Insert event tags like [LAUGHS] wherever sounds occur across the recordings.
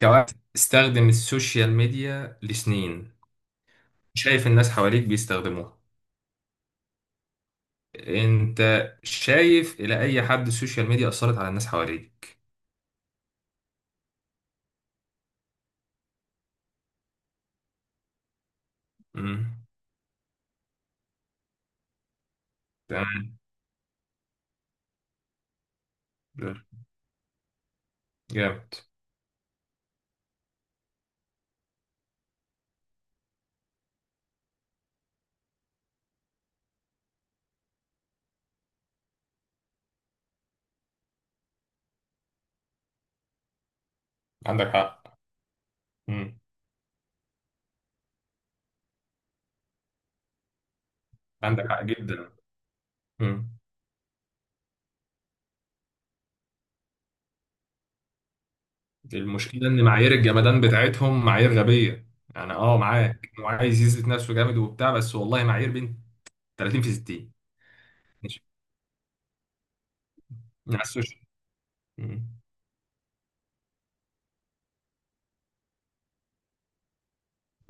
كواحد استخدم السوشيال ميديا لسنين، شايف الناس حواليك بيستخدموها. انت شايف الى اي حد السوشيال ميديا اثرت على الناس حواليك؟ امم تمام. جامد. عندك حق. امم عندك حق جدا. امم المشكله ان معايير الجمدان بتاعتهم معايير غبيه. يعني اه معاك، هو عايز يثبت نفسه جامد وبتاع، بس والله معايير بنت 30 في 60. ماشي، على السوشيال. امم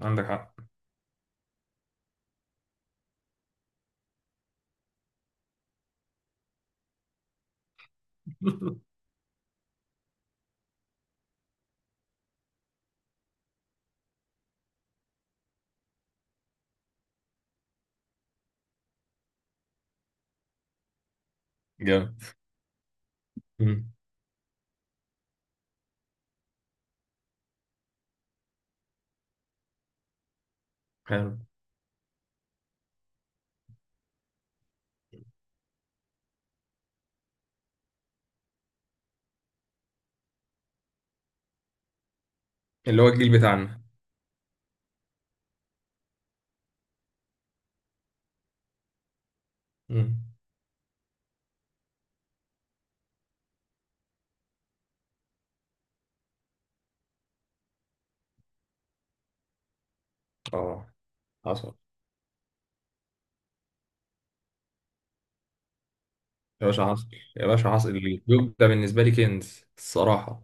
عندك حق. [LAUGHS] جامد. امم حلو، اللي هو الجيل بتاعنا. مم. اه حصل. يا باشا حصل، يا باشا حصل. الجوب ده بالنسبه لي كنز الصراحه.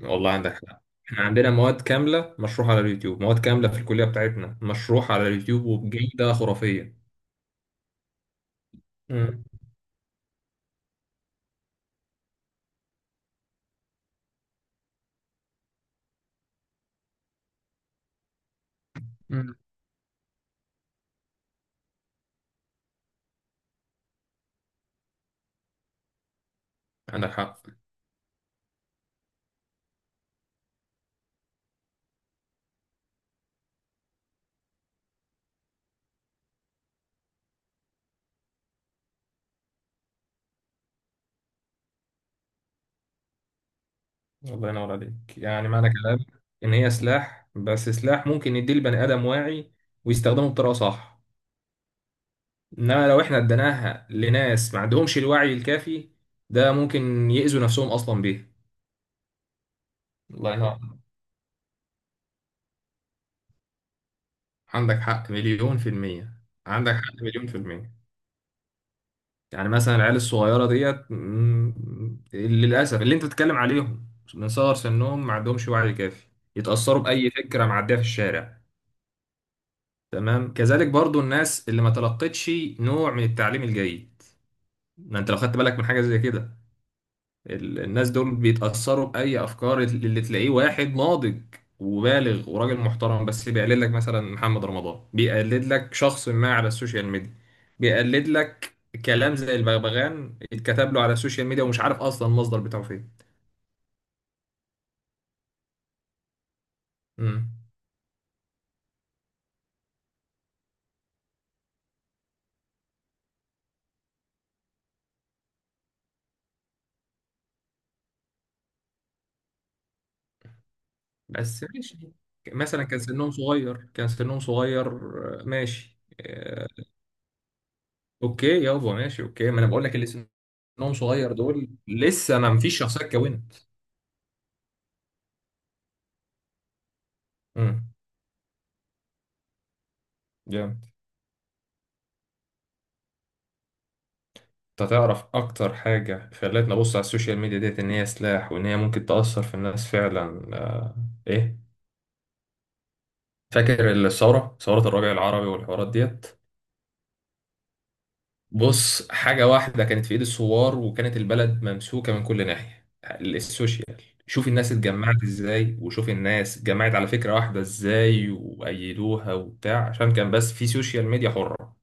والله عندك حق، احنا عندنا مواد كامله مشروحه على اليوتيوب، مواد كامله في الكليه بتاعتنا مشروحه على اليوتيوب وبجوده خرافيه. مم. مم. عندك حق. الله ينور عليك. يعني معنى كلامك ان هي سلاح، بس سلاح ممكن يديه البني ادم واعي ويستخدمه بطريقه صح. انما لو احنا اديناها لناس ما عندهمش الوعي الكافي، ده ممكن يأذوا نفسهم اصلا بيه. الله ينور. عندك حق مليون في المية. عندك حق مليون في المية. يعني مثلا العيال الصغيرة ديت، للأسف، اللي أنت بتتكلم عليهم من صغر سنهم ما عندهمش وعي كافي. يتأثروا بأي فكرة معدية في الشارع. تمام، كذلك برضو الناس اللي ما تلقتش نوع من التعليم الجيد. ما أنت لو خدت بالك من حاجة زي كده، الناس دول بيتأثروا بأي أفكار. اللي تلاقيه واحد ناضج وبالغ وراجل محترم، بس بيقلد لك مثلا محمد رمضان، بيقلد لك شخص ما على السوشيال ميديا، بيقلد لك كلام زي البغبغان اتكتب له على السوشيال ميديا ومش عارف أصلا المصدر بتاعه فين. مم. بس ماشي، مثلا كان سنهم صغير، كان سنهم صغير. ماشي. اوكي يابا ماشي، اوكي. ما انا بقول لك اللي سنهم صغير دول لسه ما فيش شخصية اتكونت. مم. جامد. انت تعرف اكتر حاجة خلتني ابص على السوشيال ميديا ديت ان هي سلاح وان هي ممكن تأثر في الناس فعلا؟ آه، ايه. فاكر الثورة، ثورة الربيع العربي والحوارات ديت؟ بص، حاجة واحدة كانت في ايد الثوار وكانت البلد ممسوكة من كل ناحية، السوشيال. شوف الناس اتجمعت ازاي، وشوف الناس اتجمعت على فكرة واحدة ازاي وأيدوها وبتاع، عشان كان بس في سوشيال ميديا حرة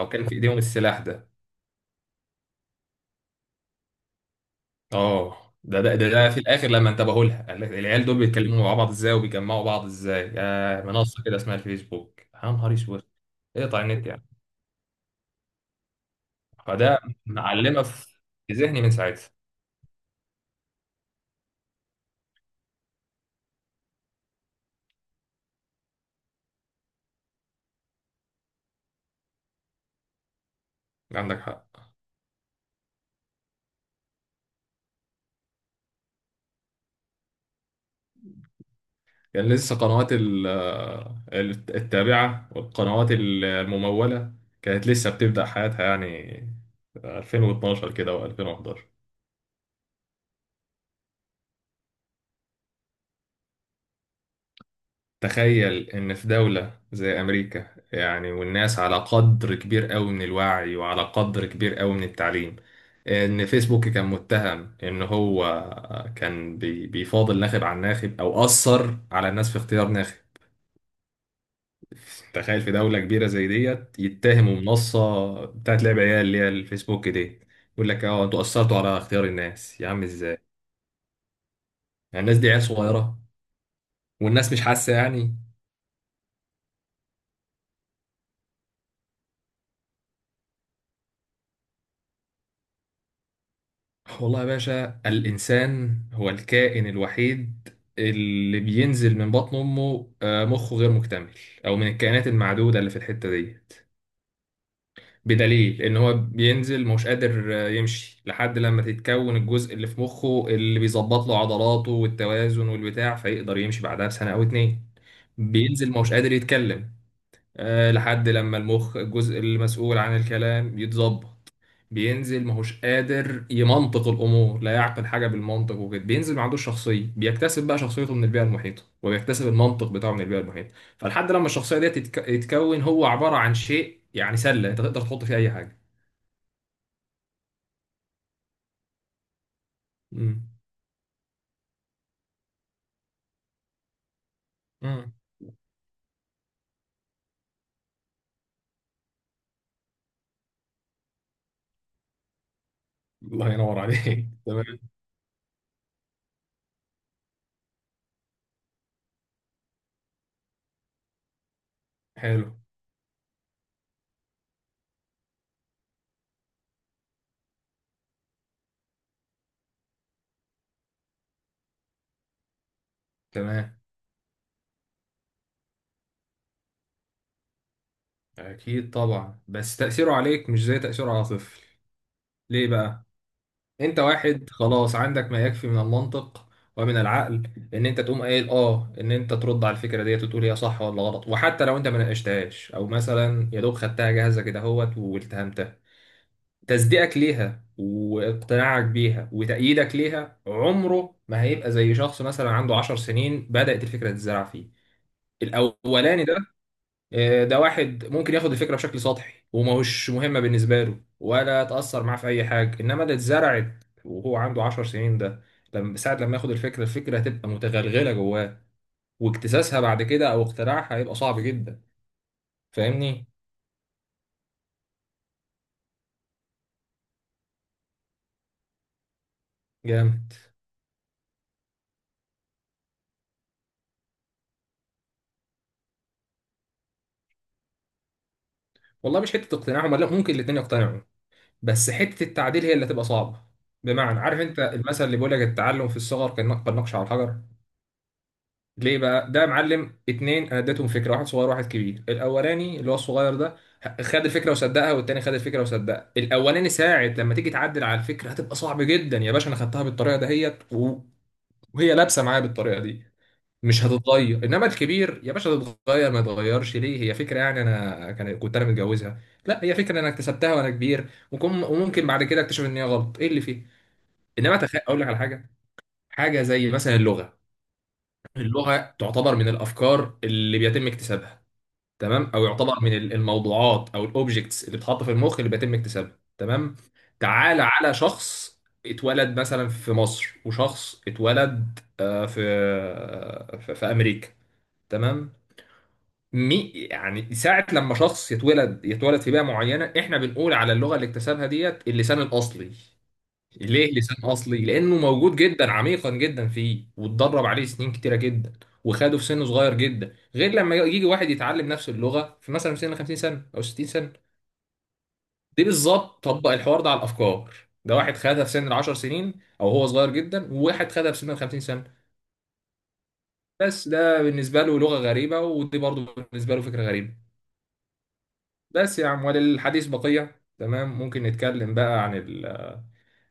او كان في ايديهم السلاح ده. اه ده في الاخر لما انتبهوا لها، قال لك العيال دول بيتكلموا مع بعض ازاي وبيجمعوا بعض ازاي؟ يا منصه كده اسمها الفيسبوك، يا نهار اسود. اقطع النت يعني. فده معلمه في ذهني من ساعتها. عندك حق. كان لسه قنوات التابعه والقنوات المموله كانت لسه بتبدا حياتها، يعني 2012 كده و2011. تخيل إن في دولة زي أمريكا يعني، والناس على قدر كبير أوي من الوعي وعلى قدر كبير أوي من التعليم، إن فيسبوك كان متهم إن هو كان بيفاضل ناخب عن ناخب، أو أثر على الناس في اختيار ناخب. تخيل في دولة كبيرة زي ديت يتهموا منصة بتاعت لعب عيال اللي هي الفيسبوك دي، يقول لك اه انتوا أثرتوا على اختيار الناس. يا عم ازاي يعني؟ الناس دي عيال صغيرة والناس مش حاسة يعني. والله يا باشا، الإنسان هو الكائن الوحيد اللي بينزل من بطن أمه مخه غير مكتمل، أو من الكائنات المعدودة اللي في الحتة دي. بدليل إن هو بينزل مش قادر يمشي لحد لما تتكون الجزء اللي في مخه اللي بيظبط له عضلاته والتوازن والبتاع، فيقدر يمشي بعدها بسنة أو اتنين. بينزل مش قادر يتكلم لحد لما المخ، الجزء المسؤول عن الكلام، يتظبط. بينزل ماهوش قادر يمنطق الامور، لا يعقل حاجه بالمنطق وكده. بينزل ما عندوش شخصيه، بيكتسب بقى شخصيته من البيئه المحيطه، وبيكتسب المنطق بتاعه من البيئه المحيطه. فلحد لما الشخصيه دي تتكون، هو عباره عن شيء يعني، سله انت تقدر تحط فيه اي حاجه. امم امم الله ينور عليك. [LAUGHS] تمام. حلو، تمام. اكيد طبعا، بس تاثيره عليك مش زي تاثيره على طفل. ليه بقى؟ انت واحد خلاص عندك ما يكفي من المنطق ومن العقل، ان انت تقوم قايل اه ان انت ترد على الفكره ديت وتقول هي صح ولا غلط. وحتى لو انت ما ناقشتهاش، او مثلا يا دوب خدتها جاهزه كده اهوت والتهمتها، تصديقك ليها واقتناعك بيها وتأييدك ليها عمره ما هيبقى زي شخص مثلا عنده 10 سنين بدأت الفكره تتزرع فيه. الاولاني ده، ده واحد ممكن ياخد الفكره بشكل سطحي وماهوش مهمه بالنسبه له ولا تاثر معاه في اي حاجه، انما اللي اتزرعت وهو عنده 10 سنين ده، لما ساعه لما ياخد الفكره، الفكره هتبقى متغلغله جواه، واكتساسها بعد كده او اقتناعها هيبقى صعب جدا. فاهمني؟ جامد. والله مش حته اقتناعهم، لا ممكن الاتنين يقتنعوا، بس حته التعديل هي اللي هتبقى صعبه. بمعنى، عارف انت المثل اللي بيقول لك التعلم في الصغر كالنقش على الحجر؟ ليه بقى ده يا معلم؟ اتنين انا اديتهم فكره، واحد صغير واحد كبير. الاولاني اللي هو الصغير ده خد الفكره وصدقها، والتاني خد الفكره وصدقها. الاولاني ساعة لما تيجي تعدل على الفكره هتبقى صعب جدا. يا باشا انا خدتها بالطريقه دهيت و- وهي لابسه معايا بالطريقه دي، مش هتتغير. انما الكبير يا باشا، تتغير ما يتغيرش، ليه؟ هي فكره يعني، انا كنت انا متجوزها؟ لا، هي فكره انا اكتسبتها وانا كبير وممكن بعد كده اكتشف ان هي غلط ايه اللي فيه. انما اقول لك على حاجه، حاجه زي مثلا اللغه. اللغة تعتبر من الأفكار اللي بيتم اكتسابها تمام، أو يعتبر من الموضوعات أو الأوبجكتس اللي بتتحط في المخ اللي بيتم اكتسابها، تمام. تعال على شخص اتولد مثلا في مصر، وشخص اتولد في في أمريكا، تمام. مي يعني، ساعة لما شخص يتولد يتولد في بيئة معينة، احنا بنقول على اللغة اللي اكتسبها ديت اللسان الأصلي. ليه لسان اصلي؟ لانه موجود جدا، عميقا جدا فيه، واتدرب عليه سنين كتيره جدا، وخده في سن صغير جدا. غير لما يجي واحد يتعلم نفس اللغه في مثلا في سن 50 سنه او 60 سنه. دي بالظبط طبق الحوار ده على الافكار. ده واحد خدها في سن ال 10 سنين او هو صغير جدا، وواحد خدها في سن ال 50 سنه. بس ده بالنسبه له لغه غريبه، ودي برضه بالنسبه له فكره غريبه. بس يا عم، وللحديث بقيه. تمام، ممكن نتكلم بقى عن ال،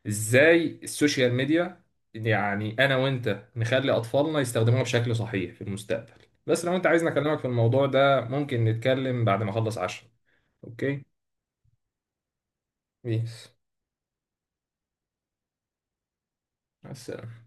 ازاي السوشيال ميديا، يعني انا وانت نخلي اطفالنا يستخدموها بشكل صحيح في المستقبل. بس لو انت عايزني اكلمك في الموضوع ده، ممكن نتكلم بعد ما اخلص عشاء. اوكي، بيس. مع السلامة.